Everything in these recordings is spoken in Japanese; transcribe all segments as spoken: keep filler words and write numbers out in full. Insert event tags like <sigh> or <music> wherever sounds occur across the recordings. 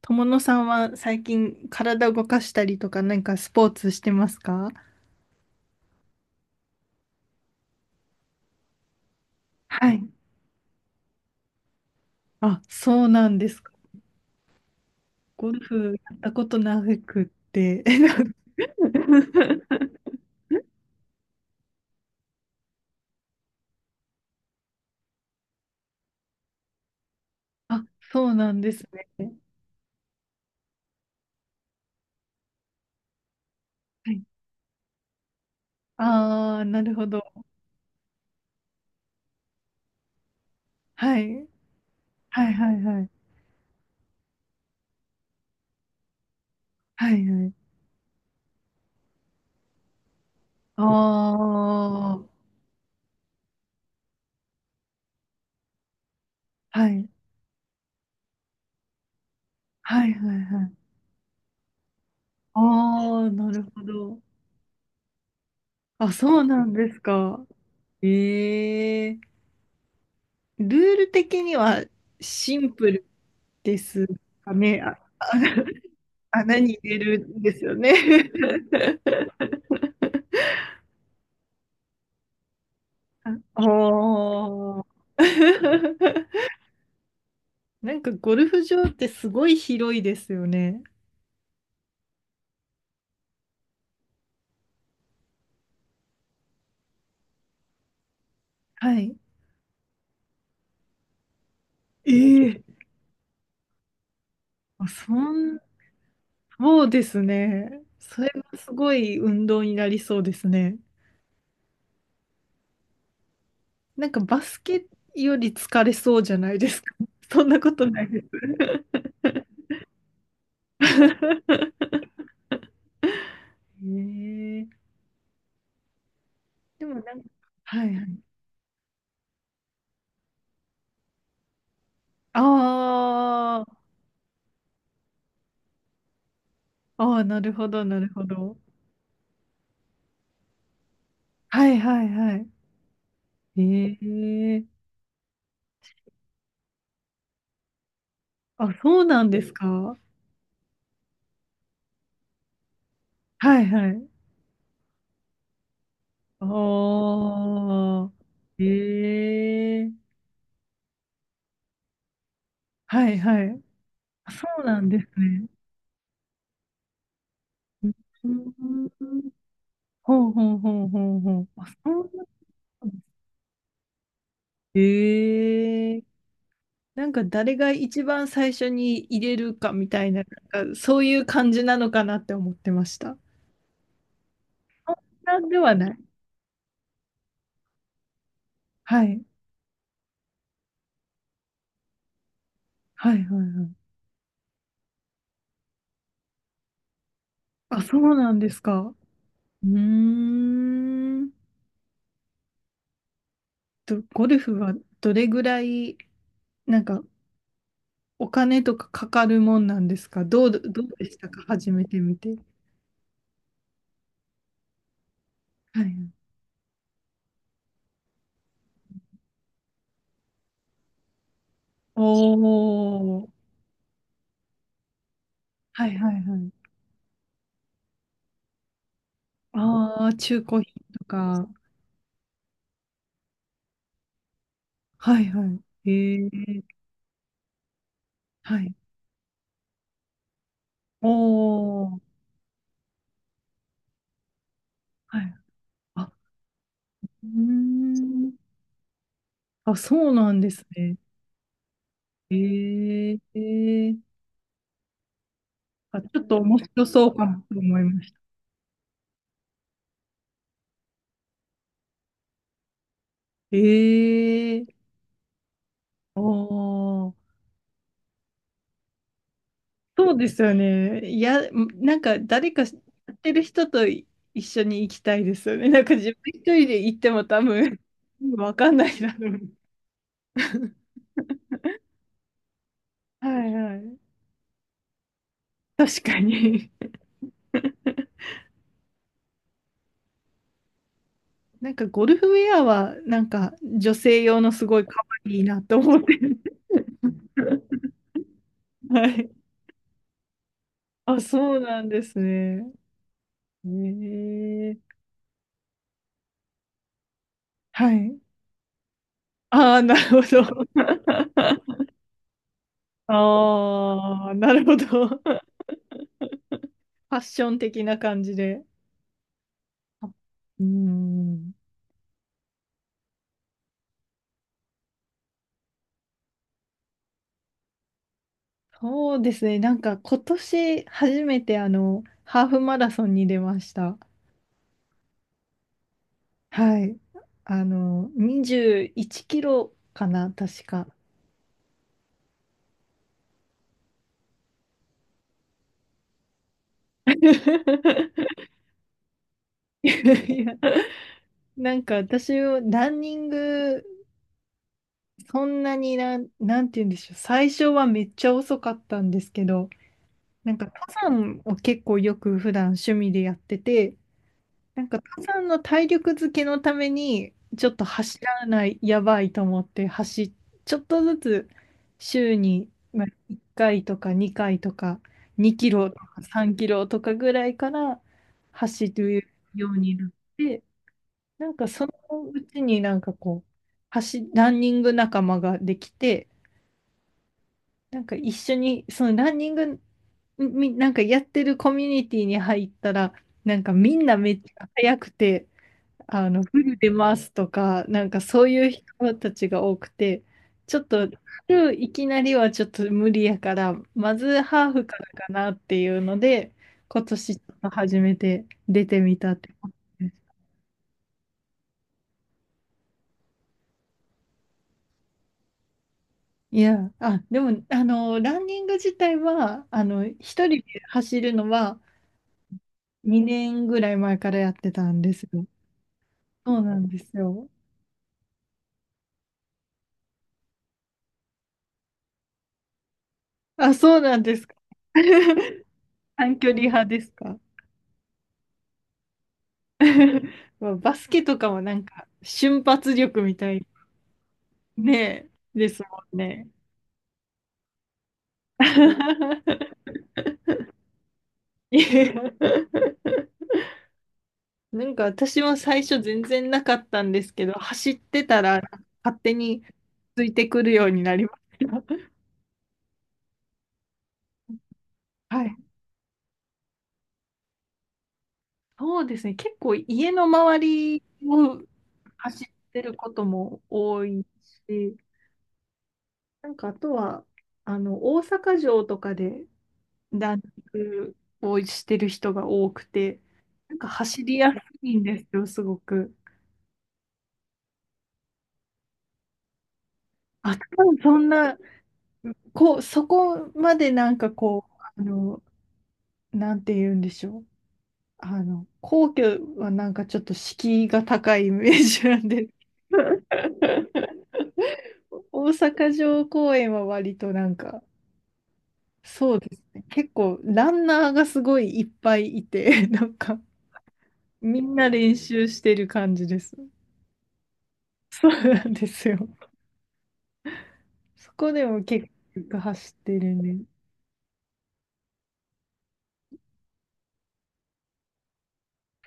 友野さんは最近体動かしたりとか何かスポーツしてますか？はい。あ、そうなんですか。ゴルフやったことなくって。<laughs> あ、そうなんですね。はい。ああ、なるほど。はい。はいはいはい。はいはい。ああ、はい。はいはいはい。ああ、なるほど。あ、そうなんですか。ええ、ルール的にはシンプルですかね？あ、あ穴に入れるんですよね。<laughs> あおー。<laughs> なんかゴルフ場ってすごい広いですよね。はい。ええ、あそん、そうですね。それがすごい運動になりそうですね。なんかバスケより疲れそうじゃないですか？<laughs> そんなことないです。<laughs> ええ、でもなんか、はい。あーあー、なるほど、なるほど。はいはいはい。ええ、あ、そうなんですか。はいはい。ああ、ええ、はいはい。あ、そうなんですね。うん、ほうほうほうほうほう。あ、そうなんです。ええ、なんか誰が一番最初に入れるかみたいな、なんかそういう感じなのかなって思ってました。なんではない。はい。はいはいはい。あ、そうなんですか。うーん。と、ゴルフはどれぐらい、なんか、お金とかかかるもんなんですか？どう、どうでしたか、始めてみて？はい。おー。はいはいはい。ああ、中古品とか。はいはい。ええ、はい。おー。はい。あ、うーん。あ、そうなんですね。ええ、あ、ちょっと面白そうかなと思いました。ええ、おー、そうですよね。いや、なんか誰かやってる人と一緒に行きたいですよね。<laughs> なんか自分一人で行っても多分、わかんないだろう。<laughs> はいはい。確かに。なんかゴルフウェアはなんか女性用のすごい可愛いなと思って。<laughs> はい。あ、そうなんですね。ええ、はい。ああ、なるほど。<laughs> ああ、なるほど。<laughs> ファッション的な感じで。あ、うーん、そうですね。なんか今年初めてあの、ハーフマラソンに出ました。はい。あの、にじゅういちキロかな、確か。<laughs> いや、なんか私、ランニング、そんなになん、なんて言うんでしょう。最初はめっちゃ遅かったんですけど、なんか登山を結構よく普段趣味でやってて、なんか、登山の体力づけのために、ちょっと走らない、やばいと思って、走っ、ちょっとずつ、週に、まあ、いっかいとかにかいとか、にキロとかさんキロとかぐらいから走るようになって、なんかそのうちになんかこう、走、ランニング仲間ができて、なんか一緒に、そのランニング、みなんかやってるコミュニティに入ったら、なんかみんなめっちゃ速くて、あの、フル出ますとか、なんかそういう人たちが多くて、ちょっと、フルいきなりはちょっと無理やから、まずハーフからかなっていうので、今年ちょっと初めて出てみたって感じです。いや、あ、でも、あの、ランニング自体は、あの、一人で走るのはにねんぐらい前からやってたんですよ。そうなんですよ。あ、そうなんですか。<laughs> 短距離派ですか？ <laughs> まあバスケとかもなんか瞬発力みたいねですもんね。<laughs> いや、なんか私も最初全然なかったんですけど、走ってたら勝手についてくるようになりました。<laughs> はい。そうですね。結構家の周りを走ってることも多いし、なんかあとはあの大阪城とかでランニングをしてる人が多くて、なんか走りやすいんですよ、すごく。あ、多分そんな、こう、そこまでなんかこう、あの、なんて言うんでしょう。あの、皇居はなんかちょっと敷居が高いイメージなんで。<laughs> 大阪城公園は割となんか、そうですね。結構ランナーがすごいいっぱいいて、なんかみんな練習してる感じです。そうなんですよ。そこでも結構走ってるね。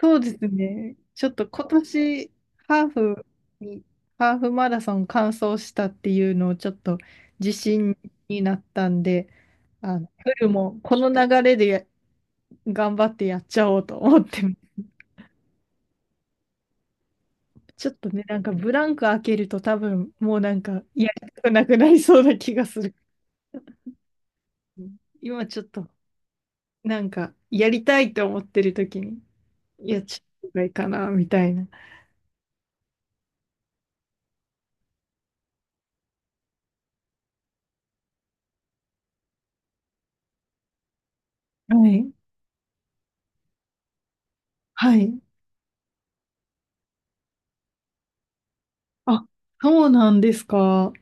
そうですね。ちょっと今年、ハーフに、ハーフマラソン完走したっていうのをちょっと自信になったんで、あの、フルもこの流れでや頑張ってやっちゃおうと思ってます、ちょっとね、なんかブランク開けると多分もうなんかやりたくなくなりそうな気がする。今ちょっとなんかやりたいと思ってる時に、いやっちゃったいいかな、みたいな。はい。はい。あ、そうなんですか。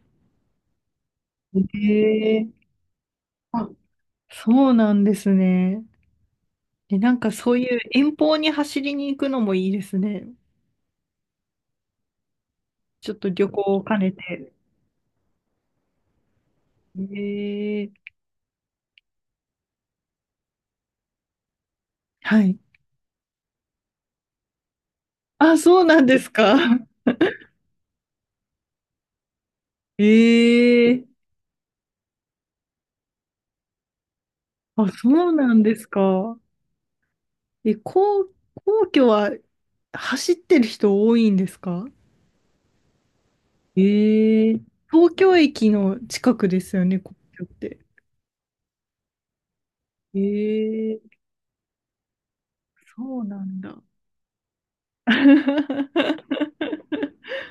へえ。あ、そうなんですね。え、なんかそういう遠方に走りに行くのもいいですね。ちょっと旅行を兼ねて。へえ。はい。あ、そうなんですか。<laughs> ええ。あ、そうなんですか。え、皇、皇居は走ってる人多いんですか？ええ。東京駅の近くですよね、皇居って。ええ、そうなんだ。<laughs>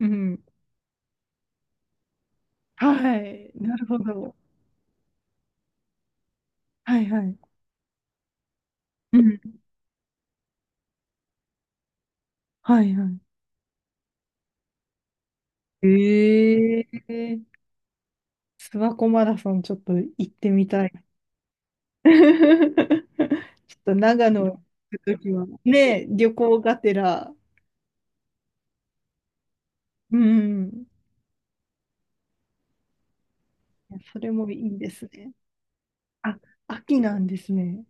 うん。はい。なるほど。はいはい。うん。はいはい。ええ、諏訪湖マラソンちょっと行ってみたい。<laughs> ちょっと長野行くときは、ねえ、旅行がてら、うん、いやそれもいいですね。あ、秋なんですね。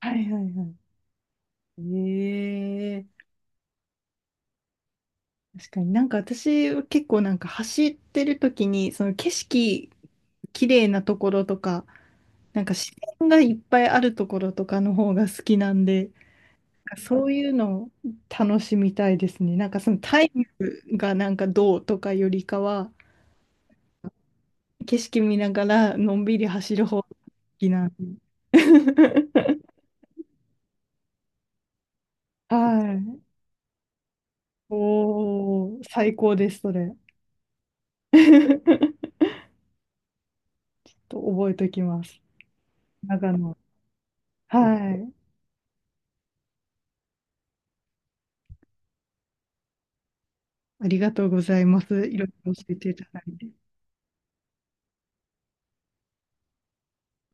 はいはいはい。ええ、確かになんか私結構なんか走ってるときに、その景色綺麗なところとか、なんか自然がいっぱいあるところとかの方が好きなんで、なんかそういうのを楽しみたいですね。なんかそのタイムがなんかどうとかよりかは、景色見ながらのんびり走る方が好きなんで。<laughs> はい。おー、最高です、それ。<laughs> と覚えておきます。長野。はい。ありがとうございます。いろいろ教えていただいて。